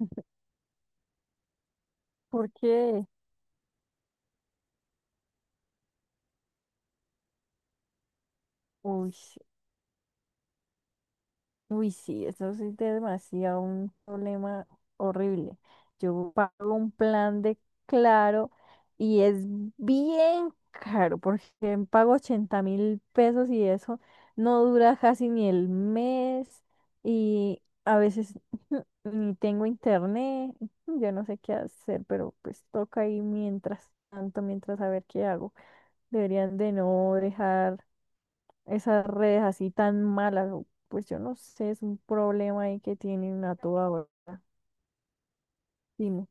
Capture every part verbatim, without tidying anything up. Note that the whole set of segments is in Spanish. Porque, uy, uy, sí, eso sí es demasiado un problema horrible. Yo pago un plan de Claro y es bien caro, porque pago ochenta mil pesos y eso no dura casi ni el mes y a veces ni tengo internet. Yo no sé qué hacer, pero pues toca ahí mientras tanto, mientras a ver qué hago. Deberían de no dejar esas redes así tan malas, o- pues yo no sé, es un problema ahí que tienen a toda hora. Dime.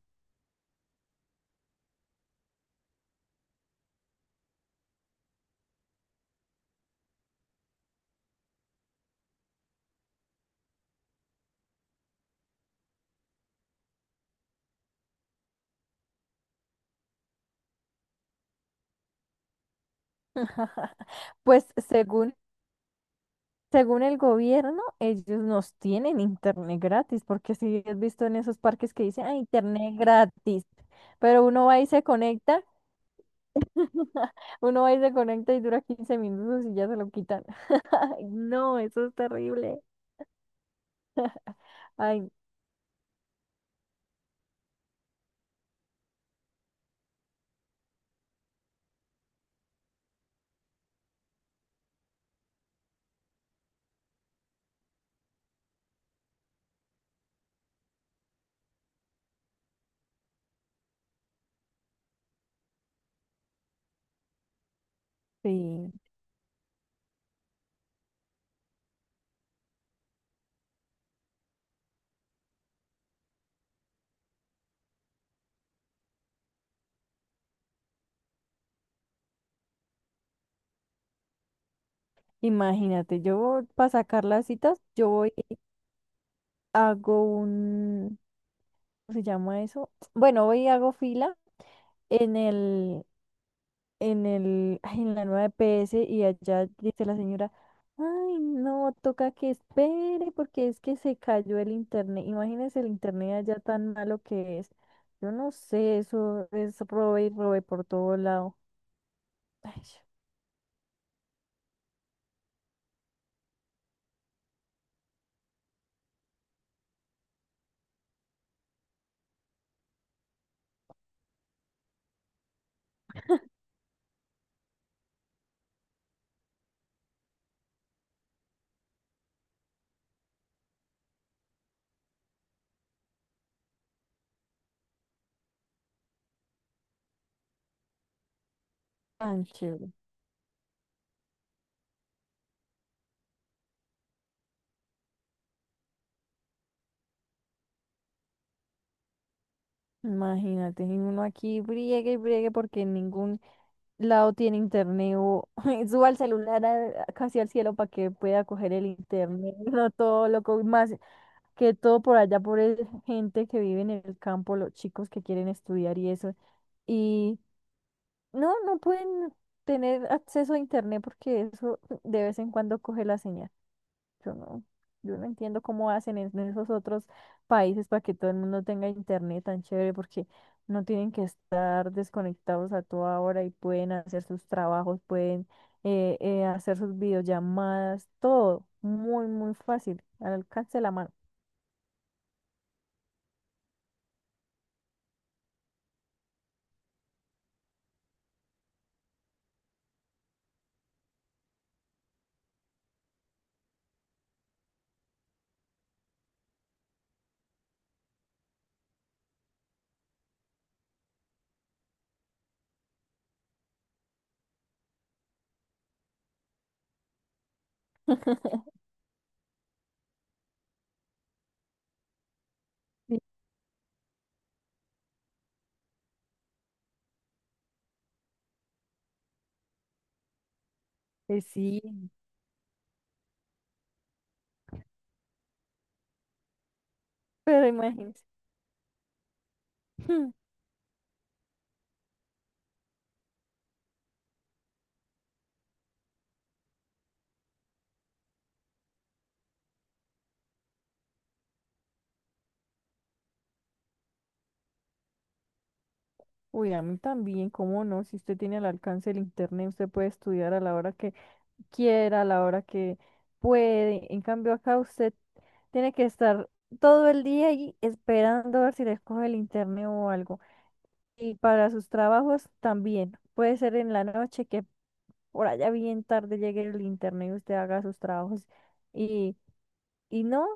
Pues según, según el gobierno, ellos nos tienen internet gratis, porque si has visto en esos parques que dicen, ah, internet gratis, pero uno va y se conecta, uno va y se conecta y dura quince minutos y ya se lo quitan. Ay, No, eso es terrible. Ay, sí. Imagínate, yo para sacar las citas, yo voy, y hago un, ¿Cómo se llama eso? Bueno, hoy hago fila en el, en el, ay, en la nueva E P S y allá dice la señora, ay, no, toca que espere porque es que se cayó el internet. Imagínense el internet allá tan malo que es. Yo no sé, eso es robe y robe por todo lado. Ay, tan chévere. Imagínate, y uno aquí briegue y briegue porque ningún lado tiene internet o suba el celular a- casi al cielo para que pueda coger el internet, no todo loco, y más que todo por allá, por el- gente que vive en el campo, los chicos que quieren estudiar y eso, y no, no pueden tener acceso a internet porque eso de vez en cuando coge la señal. Yo no, yo no entiendo cómo hacen en en esos otros países para que todo el mundo tenga internet tan chévere, porque no tienen que estar desconectados a toda hora y pueden hacer sus trabajos, pueden eh, eh, hacer sus videollamadas, todo muy, muy fácil, al alcance de la mano. Sí, pues sí. Pero imagínense. Uy, a mí también, ¿cómo no? Si usted tiene al alcance el internet, usted puede estudiar a la hora que quiera, a la hora que puede. En cambio, acá usted tiene que estar todo el día ahí esperando a ver si les coge el internet o algo. Y para sus trabajos también. Puede ser en la noche que por allá bien tarde llegue el internet y usted haga sus trabajos. Y, y no,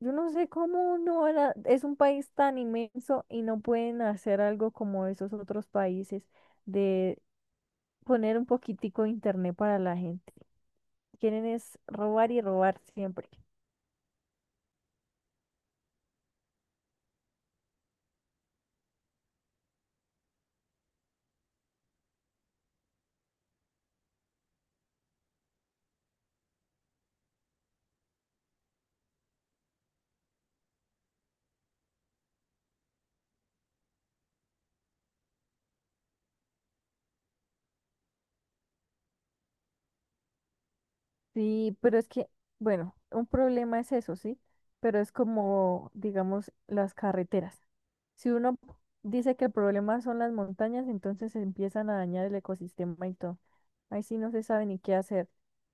yo no sé cómo no era- es un país tan inmenso y no pueden hacer algo como esos otros países de poner un poquitico de internet para la gente. Quieren es robar y robar siempre. Sí, pero es que, bueno, un problema es eso, ¿sí? Pero es como, digamos, las carreteras. Si uno dice que el problema son las montañas, entonces se empiezan a dañar el ecosistema y todo. Ahí sí no se sabe ni qué hacer.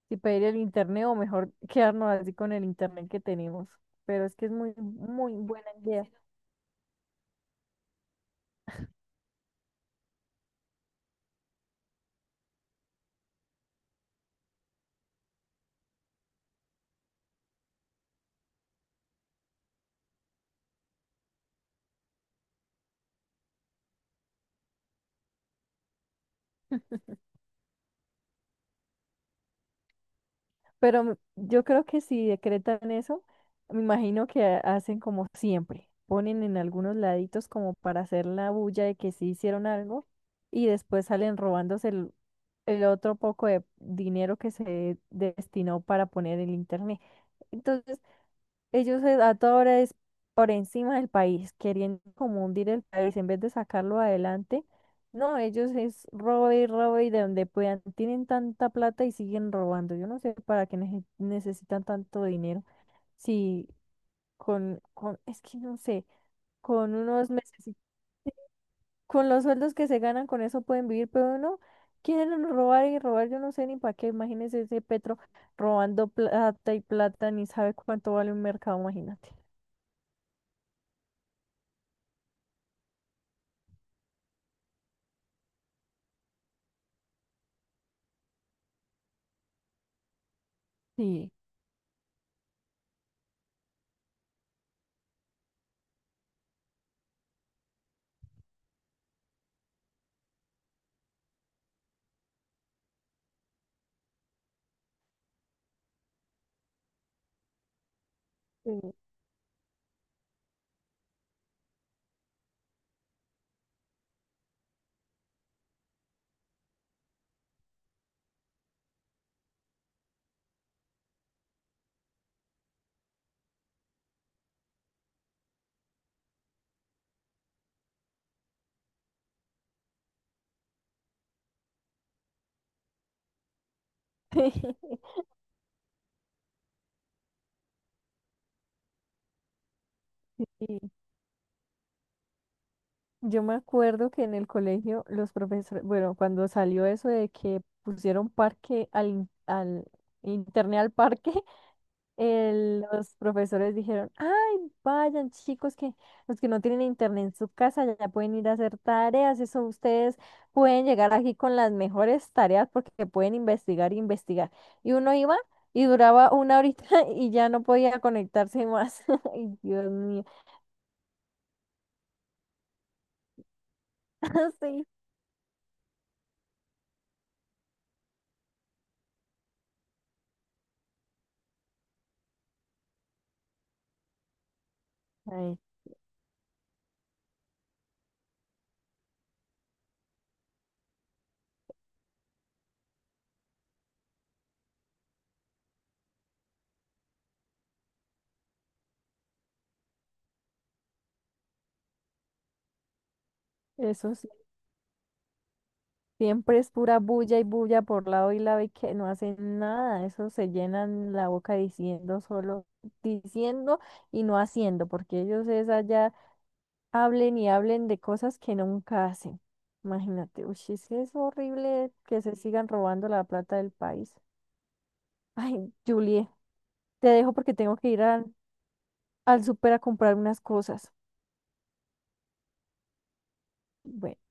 Si pedir el internet o mejor quedarnos así con el internet que tenemos. Pero es que es muy, muy buena idea. Pero yo creo que si decretan eso, me imagino que ha- hacen como siempre, ponen en algunos laditos como para hacer la bulla de que sí hicieron algo y después salen robándose el, el, otro poco de dinero que se destinó para poner el internet. Entonces, ellos eh, a toda hora es por encima del país, queriendo como hundir el país en vez de sacarlo adelante. No, ellos es robo y robo y de donde puedan. Tienen tanta plata y siguen robando. Yo no sé para qué nece- necesitan tanto dinero. Si con, con, es que no sé, con unos meses, con los sueldos que se ganan, con eso pueden vivir, pero no, quieren robar y robar. Yo no sé ni para qué. Imagínense ese Petro robando plata y plata, ni sabe cuánto vale un mercado, imagínate. Sí. Yo me acuerdo que en el colegio los profesores, bueno, cuando salió eso de que pusieron parque al, in- al internet al parque, eh, los profesores dijeron, ay, vayan chicos, que los que no tienen internet en su casa ya pueden ir a hacer tareas, eso ustedes pueden llegar aquí con las mejores tareas porque pueden investigar e investigar. Y uno iba y duraba una horita y ya no podía conectarse más. Ay, Dios mío. Sí. Ay, Eso sí, siempre es pura bulla y bulla por lado y lado y que no hacen nada. Eso se llenan la boca diciendo solo, diciendo y no haciendo, porque ellos es allá hablen y hablen de cosas que nunca hacen. Imagínate, uy, es que es horrible que se sigan robando la plata del país. Ay, Julie, te dejo porque tengo que ir al, al, súper a comprar unas cosas. Bueno.